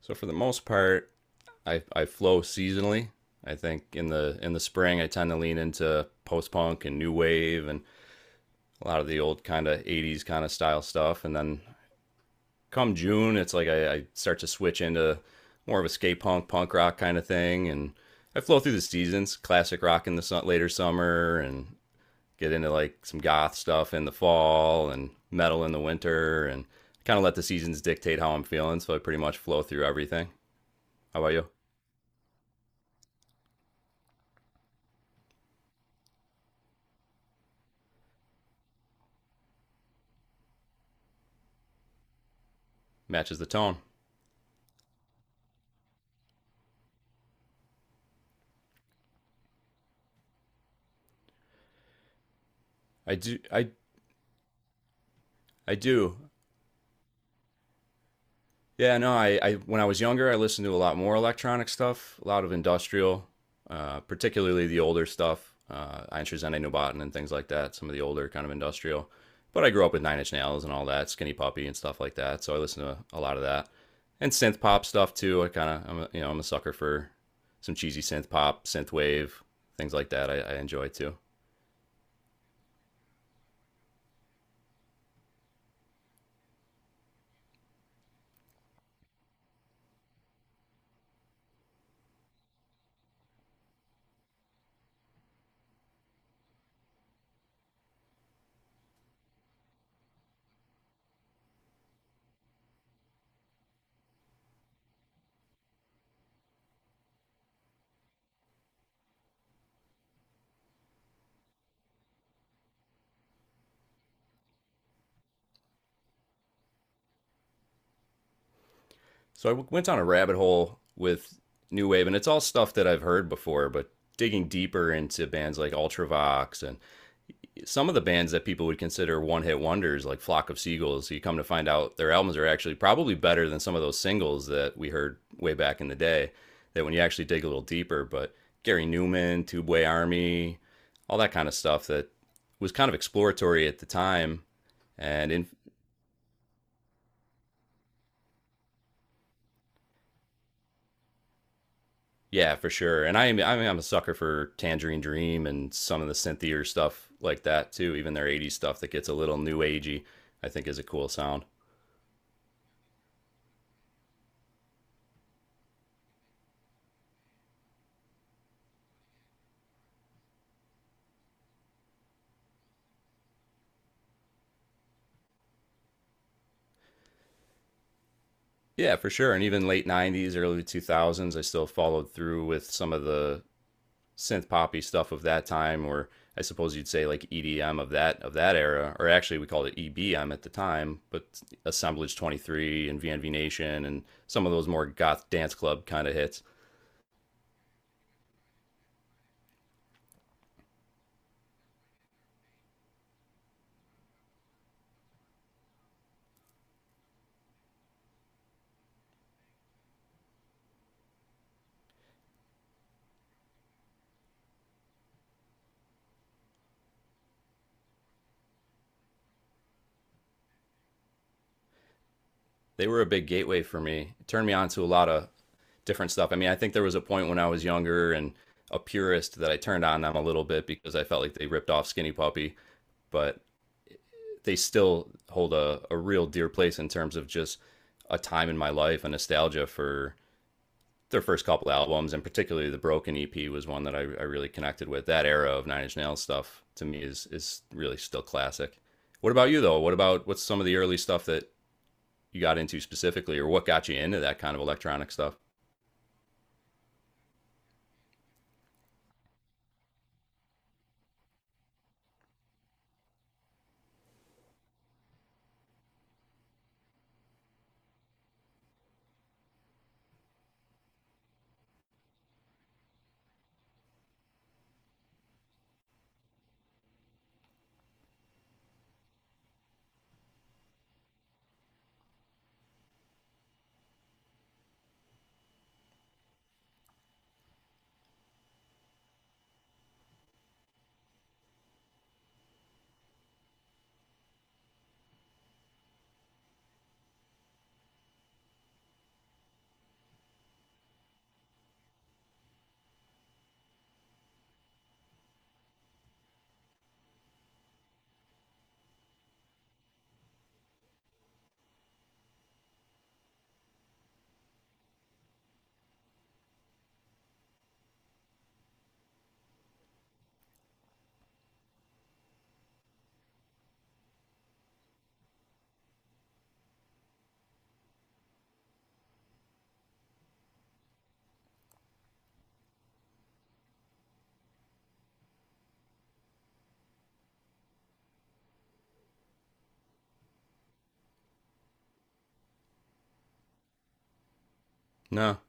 So for the most part, I flow seasonally. I think in the spring I tend to lean into post punk and new wave, and a lot of the old kind of 80s kind of style stuff. And then come June it's like I start to switch into more of a skate punk punk rock kind of thing. And I flow through the seasons, classic rock in the later summer, and get into like some goth stuff in the fall and metal in the winter, and kind of let the seasons dictate how I'm feeling, so I pretty much flow through everything. How about you? Matches the tone. I do. I do. Yeah. No. I when I was younger, I listened to a lot more electronic stuff, a lot of industrial, particularly the older stuff, Einstein Nubaten and things like that. Some of the older kind of industrial. But I grew up with Nine Inch Nails and all that, Skinny Puppy and stuff like that. So I listened to a lot of that, and synth pop stuff too. I kind of, I'm a sucker for some cheesy synth pop, synth wave, things like that. I enjoy too. So I went down a rabbit hole with new wave, and it's all stuff that I've heard before, but digging deeper into bands like Ultravox and some of the bands that people would consider one hit wonders, like Flock of Seagulls. You come to find out their albums are actually probably better than some of those singles that we heard way back in the day. That when you actually dig a little deeper, but Gary Newman, Tubeway Army, all that kind of stuff that was kind of exploratory at the time and in, yeah, for sure. And I mean, I'm a sucker for Tangerine Dream and some of the synthier stuff like that too, even their 80s stuff that gets a little new agey, I think is a cool sound. Yeah, for sure. And even late 90s, early 2000s, I still followed through with some of the synth poppy stuff of that time, or I suppose you'd say like EDM of that era, or actually we called it EBM at the time, but Assemblage 23 and VNV Nation and some of those more goth dance club kind of hits. They were a big gateway for me. It turned me on to a lot of different stuff. I mean, I think there was a point when I was younger and a purist that I turned on them a little bit, because I felt like they ripped off Skinny Puppy, but they still hold a real dear place in terms of just a time in my life and nostalgia for their first couple albums, and particularly the broken EP was one that I really connected with. That era of Nine Inch Nails stuff to me is really still classic. What about you though? What about what's some of the early stuff that you got into specifically, or what got you into that kind of electronic stuff? No.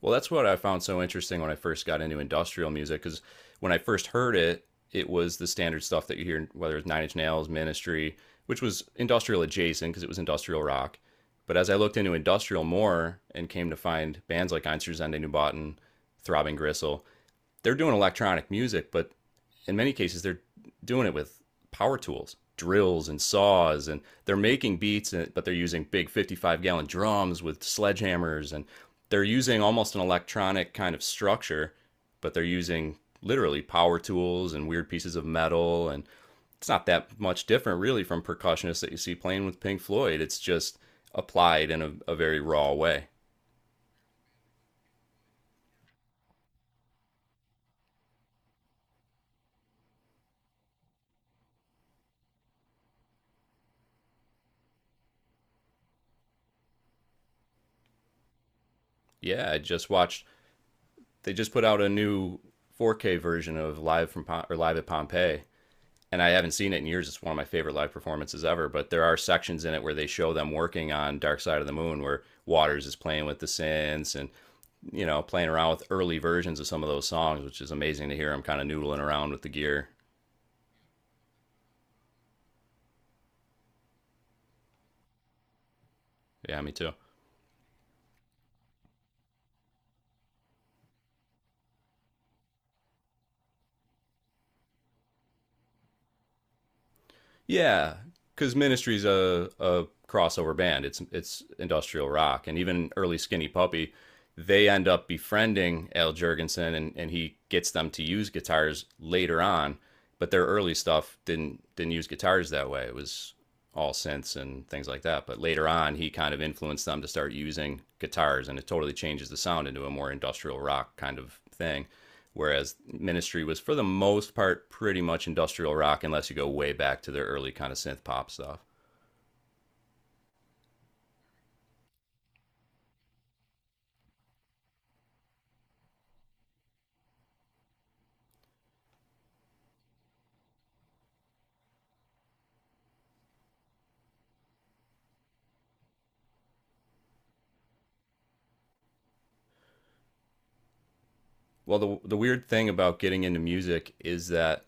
Well, that's what I found so interesting when I first got into industrial music, because when I first heard it, it was the standard stuff that you hear, whether it's Nine Inch Nails, Ministry, which was industrial adjacent because it was industrial rock. But as I looked into industrial more and came to find bands like Einstürzende Nubauten, Throbbing Gristle, they're doing electronic music, but in many cases they're doing it with power tools, drills and saws, and they're making beats, eh, but they're using big 55 gallon drums with sledgehammers, and they're using almost an electronic kind of structure, but they're using literally power tools and weird pieces of metal, and it's not that much different really from percussionists that you see playing with Pink Floyd. It's just applied in a very raw way. Yeah, I just watched they just put out a new 4K version of Live at Pompeii, and I haven't seen it in years. It's one of my favorite live performances ever. But there are sections in it where they show them working on Dark Side of the Moon, where Waters is playing with the synths and you know playing around with early versions of some of those songs, which is amazing to hear him kind of noodling around with the gear. Yeah, me too. Yeah, because Ministry's a crossover band. It's industrial rock, and even early Skinny Puppy, they end up befriending Al Jurgensen, and he gets them to use guitars later on. But their early stuff didn't use guitars that way. It was all synths and things like that. But later on, he kind of influenced them to start using guitars, and it totally changes the sound into a more industrial rock kind of thing. Whereas Ministry was for the most part pretty much industrial rock, unless you go way back to their early kind of synth pop stuff. Well, the weird thing about getting into music is that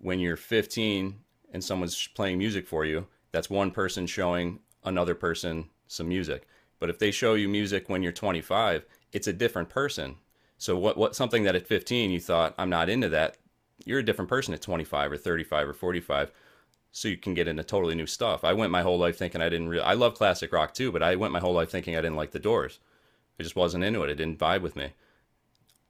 when you're 15 and someone's playing music for you, that's one person showing another person some music. But if they show you music when you're 25, it's a different person. So what something that at 15 you thought I'm not into that, you're a different person at 25 or 35 or 45, so you can get into totally new stuff. I went my whole life thinking I didn't really I love classic rock too, but I went my whole life thinking I didn't like the Doors. I just wasn't into it. It didn't vibe with me.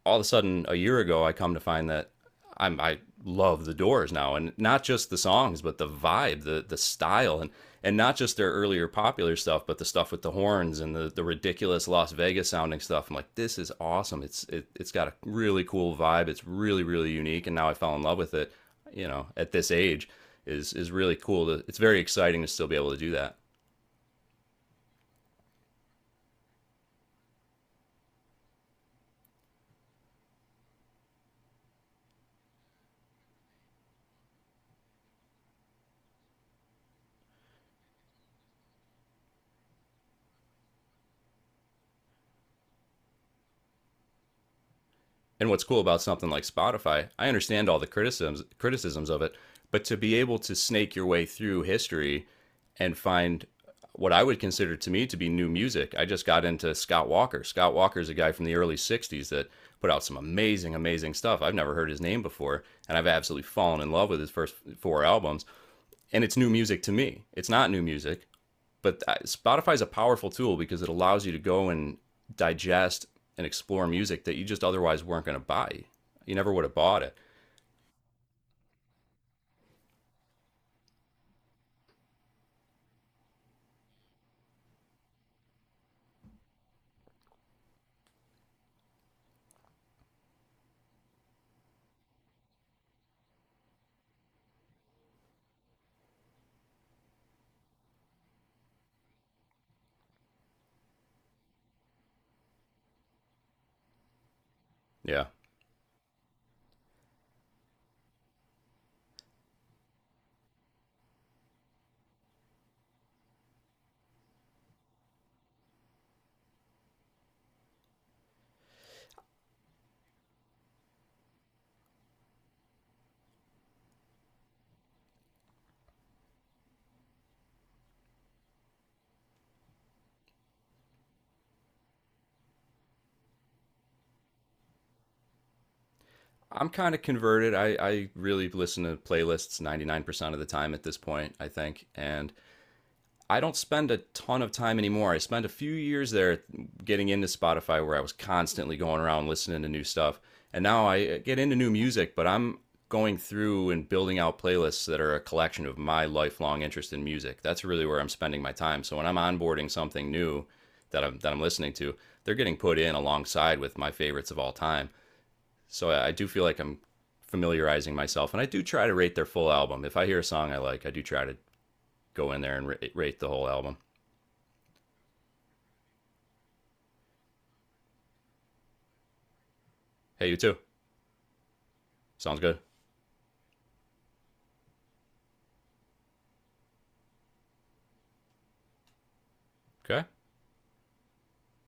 All of a sudden a year ago I come to find that I love the Doors now, and not just the songs but the vibe, the style, and not just their earlier popular stuff but the stuff with the horns and the ridiculous Las Vegas sounding stuff. I'm like, this is awesome. It's got a really cool vibe. It's really really unique, and now I fell in love with it, at this age is really cool it's very exciting to still be able to do that. And what's cool about something like Spotify, I understand all the criticisms of it, but to be able to snake your way through history and find what I would consider to me to be new music. I just got into Scott Walker. Scott Walker is a guy from the early 60s that put out some amazing, amazing stuff. I've never heard his name before, and I've absolutely fallen in love with his first four albums. And it's new music to me. It's not new music, but Spotify is a powerful tool because it allows you to go and digest and explore music that you just otherwise weren't going to buy. You never would have bought it. Yeah. I'm kind of converted. I really listen to playlists 99% of the time at this point, I think. And I don't spend a ton of time anymore. I spent a few years there getting into Spotify where I was constantly going around listening to new stuff. And now I get into new music, but I'm going through and building out playlists that are a collection of my lifelong interest in music. That's really where I'm spending my time. So when I'm onboarding something new that I'm listening to, they're getting put in alongside with my favorites of all time. So I do feel like I'm familiarizing myself, and I do try to rate their full album. If I hear a song I like, I do try to go in there and rate the whole album. Hey, you too. Sounds good. Okay.